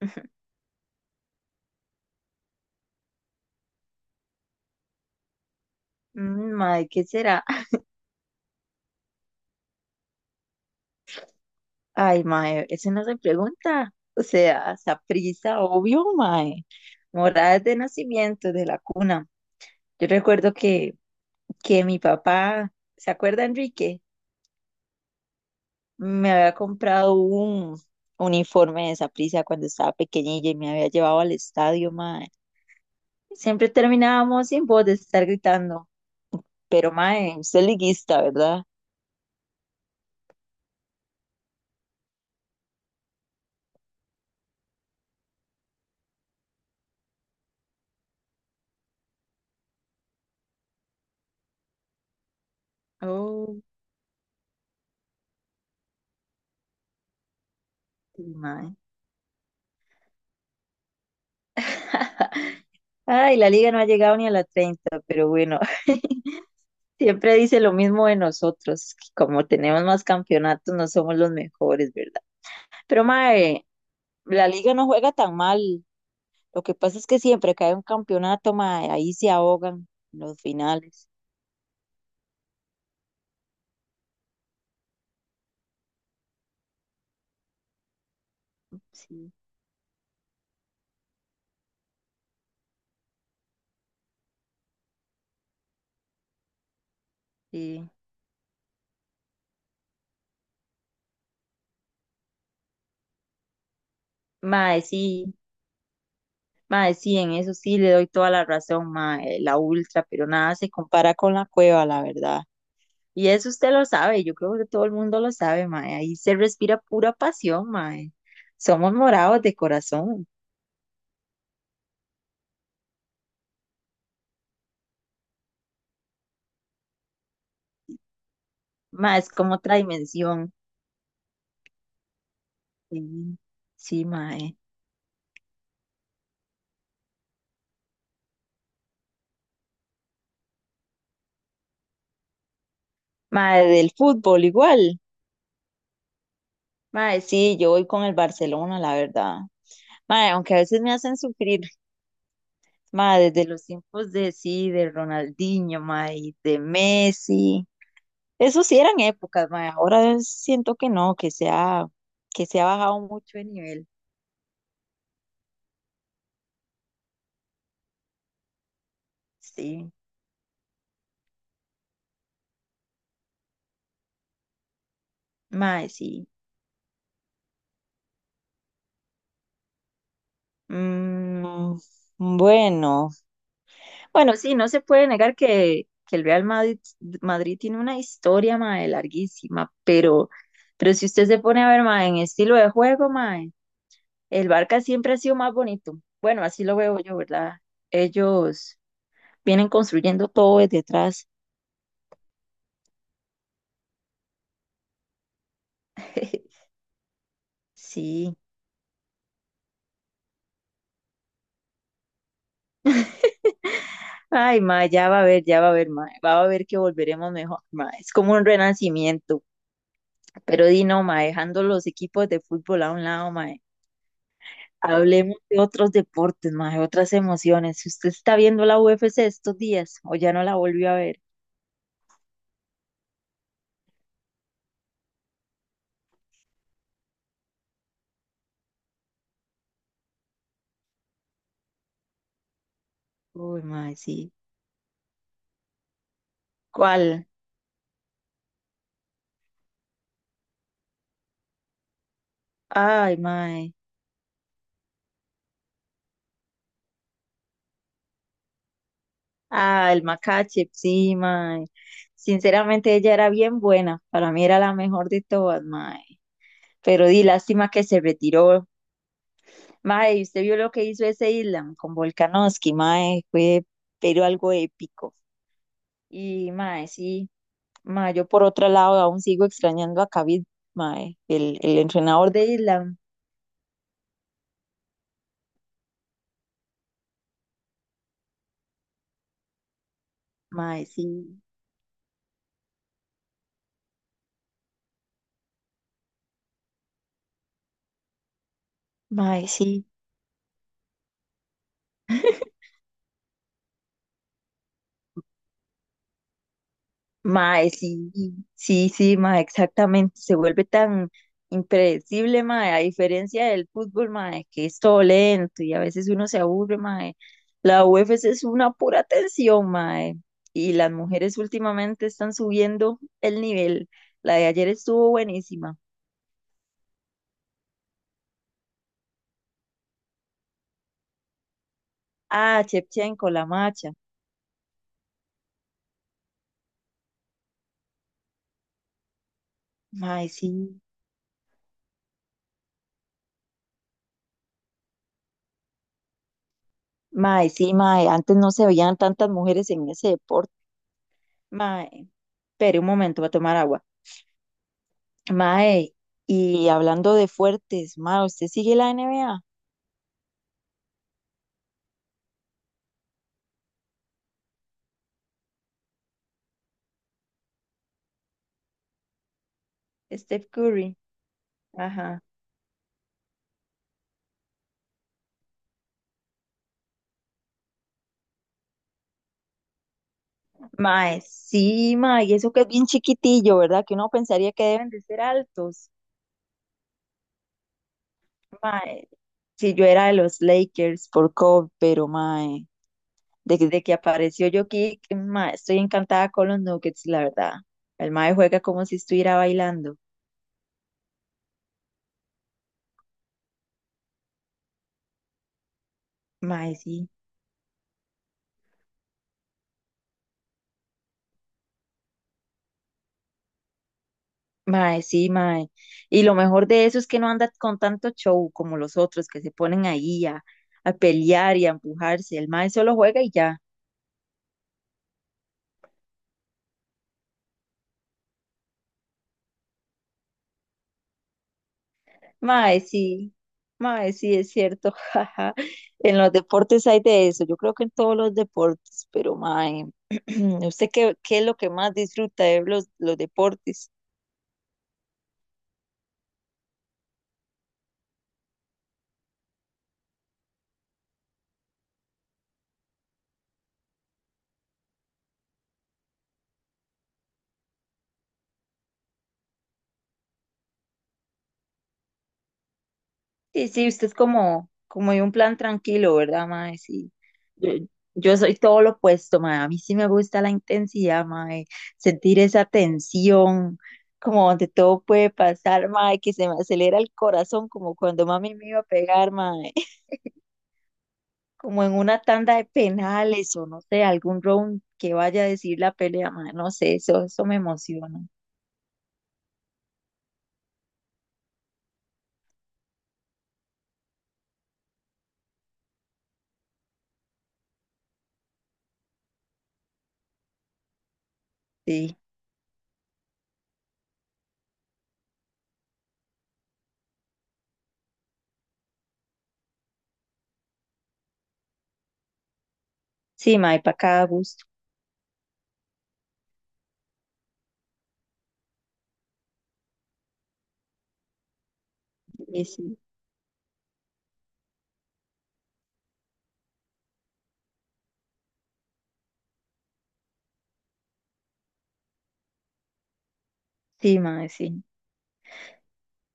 Mm, Mae, ¿qué será? Ay, mae, eso no se pregunta. O sea, prisa, obvio, mae. Moradas de nacimiento, de la cuna. Yo recuerdo que mi papá, ¿se acuerda, Enrique? Me había comprado un uniforme de prisa cuando estaba pequeñilla y me había llevado al estadio, mae. Siempre terminábamos sin voz de estar gritando. Pero, mae, usted es liguista, ¿verdad? Oh, sí, mae. Ay, la liga no ha llegado ni a la 30, pero bueno. Siempre dice lo mismo de nosotros, que como tenemos más campeonatos no somos los mejores, ¿verdad? Pero mae, la liga no juega tan mal. Lo que pasa es que siempre que hay un campeonato, mae, ahí se ahogan los finales. Sí, sí. Mae, sí, mae, sí, en eso sí le doy toda la razón, mae, la ultra, pero nada se compara con la cueva, la verdad. Y eso usted lo sabe, yo creo que todo el mundo lo sabe, mae. Ahí se respira pura pasión, mae. Somos morados de corazón, mae, es como otra dimensión. Sí, sí, mae. Mae, del fútbol igual. Mae, sí, yo voy con el Barcelona, la verdad. Mae, aunque a veces me hacen sufrir, mae, desde los tiempos de sí, de Ronaldinho, mae, y de Messi. Eso sí eran épocas, mae. Ahora siento que no, que se ha bajado mucho de nivel. Sí, mae, sí. Mm, bueno, bueno, sí, no se puede negar que el Real Madrid tiene una historia, mae, larguísima, pero si usted se pone a ver, mae, en estilo de juego, mae, el Barca siempre ha sido más bonito. Bueno, así lo veo yo, ¿verdad? Ellos vienen construyendo todo desde atrás. Sí. Ay, mae, ya va a ver, ya va a ver, mae, va a ver que volveremos mejor, mae. Es como un renacimiento. Pero di no, mae, dejando los equipos de fútbol a un lado, mae. Hablemos de otros deportes, mae, otras emociones. Si usted está viendo la UFC estos días o ya no la volvió a ver. Uy, mae, sí. ¿Cuál? Ay, mae. Ah, el Makachev, sí, mae. Sinceramente ella era bien buena. Para mí era la mejor de todas, mae. Pero di lástima que se retiró. Mae, ¿y usted vio lo que hizo ese Island con Volkanovski, mae? Fue, pero algo épico. Y mae, sí. Ma, yo por otro lado aún sigo extrañando a Kavit, mae, el entrenador de Island. Mae, sí, mae, sí, mae, sí, sí, sí, mae, exactamente. Se vuelve tan impredecible, mae, a diferencia del fútbol, mae, que es todo lento y a veces uno se aburre, mae. La UFC es una pura tensión, mae. Y las mujeres últimamente están subiendo el nivel. La de ayer estuvo buenísima. Ah, Chepchenko, la macha. Mae, sí. Mae, sí, mae, antes no se veían tantas mujeres en ese deporte. Mae, espere un momento para tomar agua. Mae, y hablando de fuertes, mae, ¿usted sigue la NBA? Steph Curry. Ajá. Mae, sí, mae, y eso que es bien chiquitillo, ¿verdad? Que uno pensaría que deben de ser altos. Mae, si yo era de los Lakers por Kobe, pero mae, desde que apareció Jokic, mae, estoy encantada con los Nuggets, la verdad. El mae juega como si estuviera bailando. Mae, sí. Mae, sí, mae. Y lo mejor de eso es que no anda con tanto show como los otros que se ponen ahí a, pelear y a empujarse. El mae solo juega y ya. Mae, sí. Mae, sí, es cierto. Jaja. En los deportes hay de eso. Yo creo que en todos los deportes, pero mae, ¿usted qué es lo que más disfruta de los deportes? Sí, sí, usted es como de un plan tranquilo, ¿verdad, mae? Sí. Yo, yo soy todo lo opuesto, mae. A mí sí me gusta la intensidad, mae. Sentir esa tensión, como donde todo puede pasar, mae, que se me acelera el corazón, como cuando mami me iba a pegar, mae. Como en una tanda de penales o no sé, algún round que vaya a decir la pelea, mae. No sé, eso me emociona. Sí, sí, mae, para cada gusto. Sí, sí, sí, mae, sí.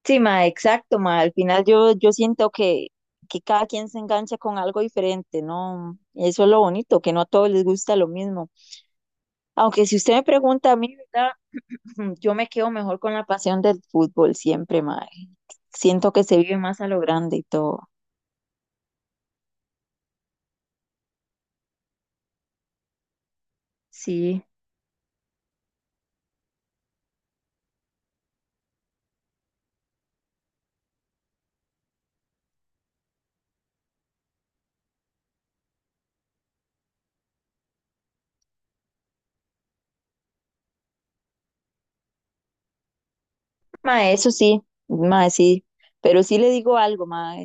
Sí, ma, exacto, ma. Al final yo, siento que cada quien se engancha con algo diferente, ¿no? Eso es lo bonito, que no a todos les gusta lo mismo. Aunque si usted me pregunta a mí, ¿verdad? Yo me quedo mejor con la pasión del fútbol siempre, ma. Siento que se vive más a lo grande y todo. Sí, ma, eso sí, ma, sí. Pero sí le digo algo, ma.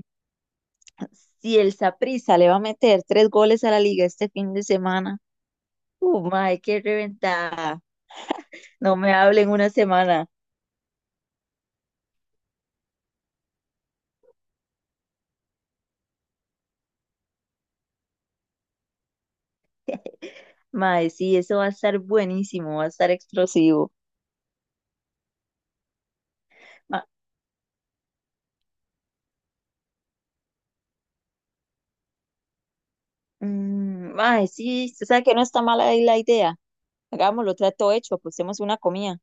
Si el Saprissa le va a meter tres goles a la liga este fin de semana, ma, qué reventada. No me hablen una semana. Mae, sí, eso va a estar buenísimo, va a estar explosivo. Ma- Mae, sí, usted sabe que no está mala ahí la idea. Hagámoslo, trato hecho, apostemos una comida.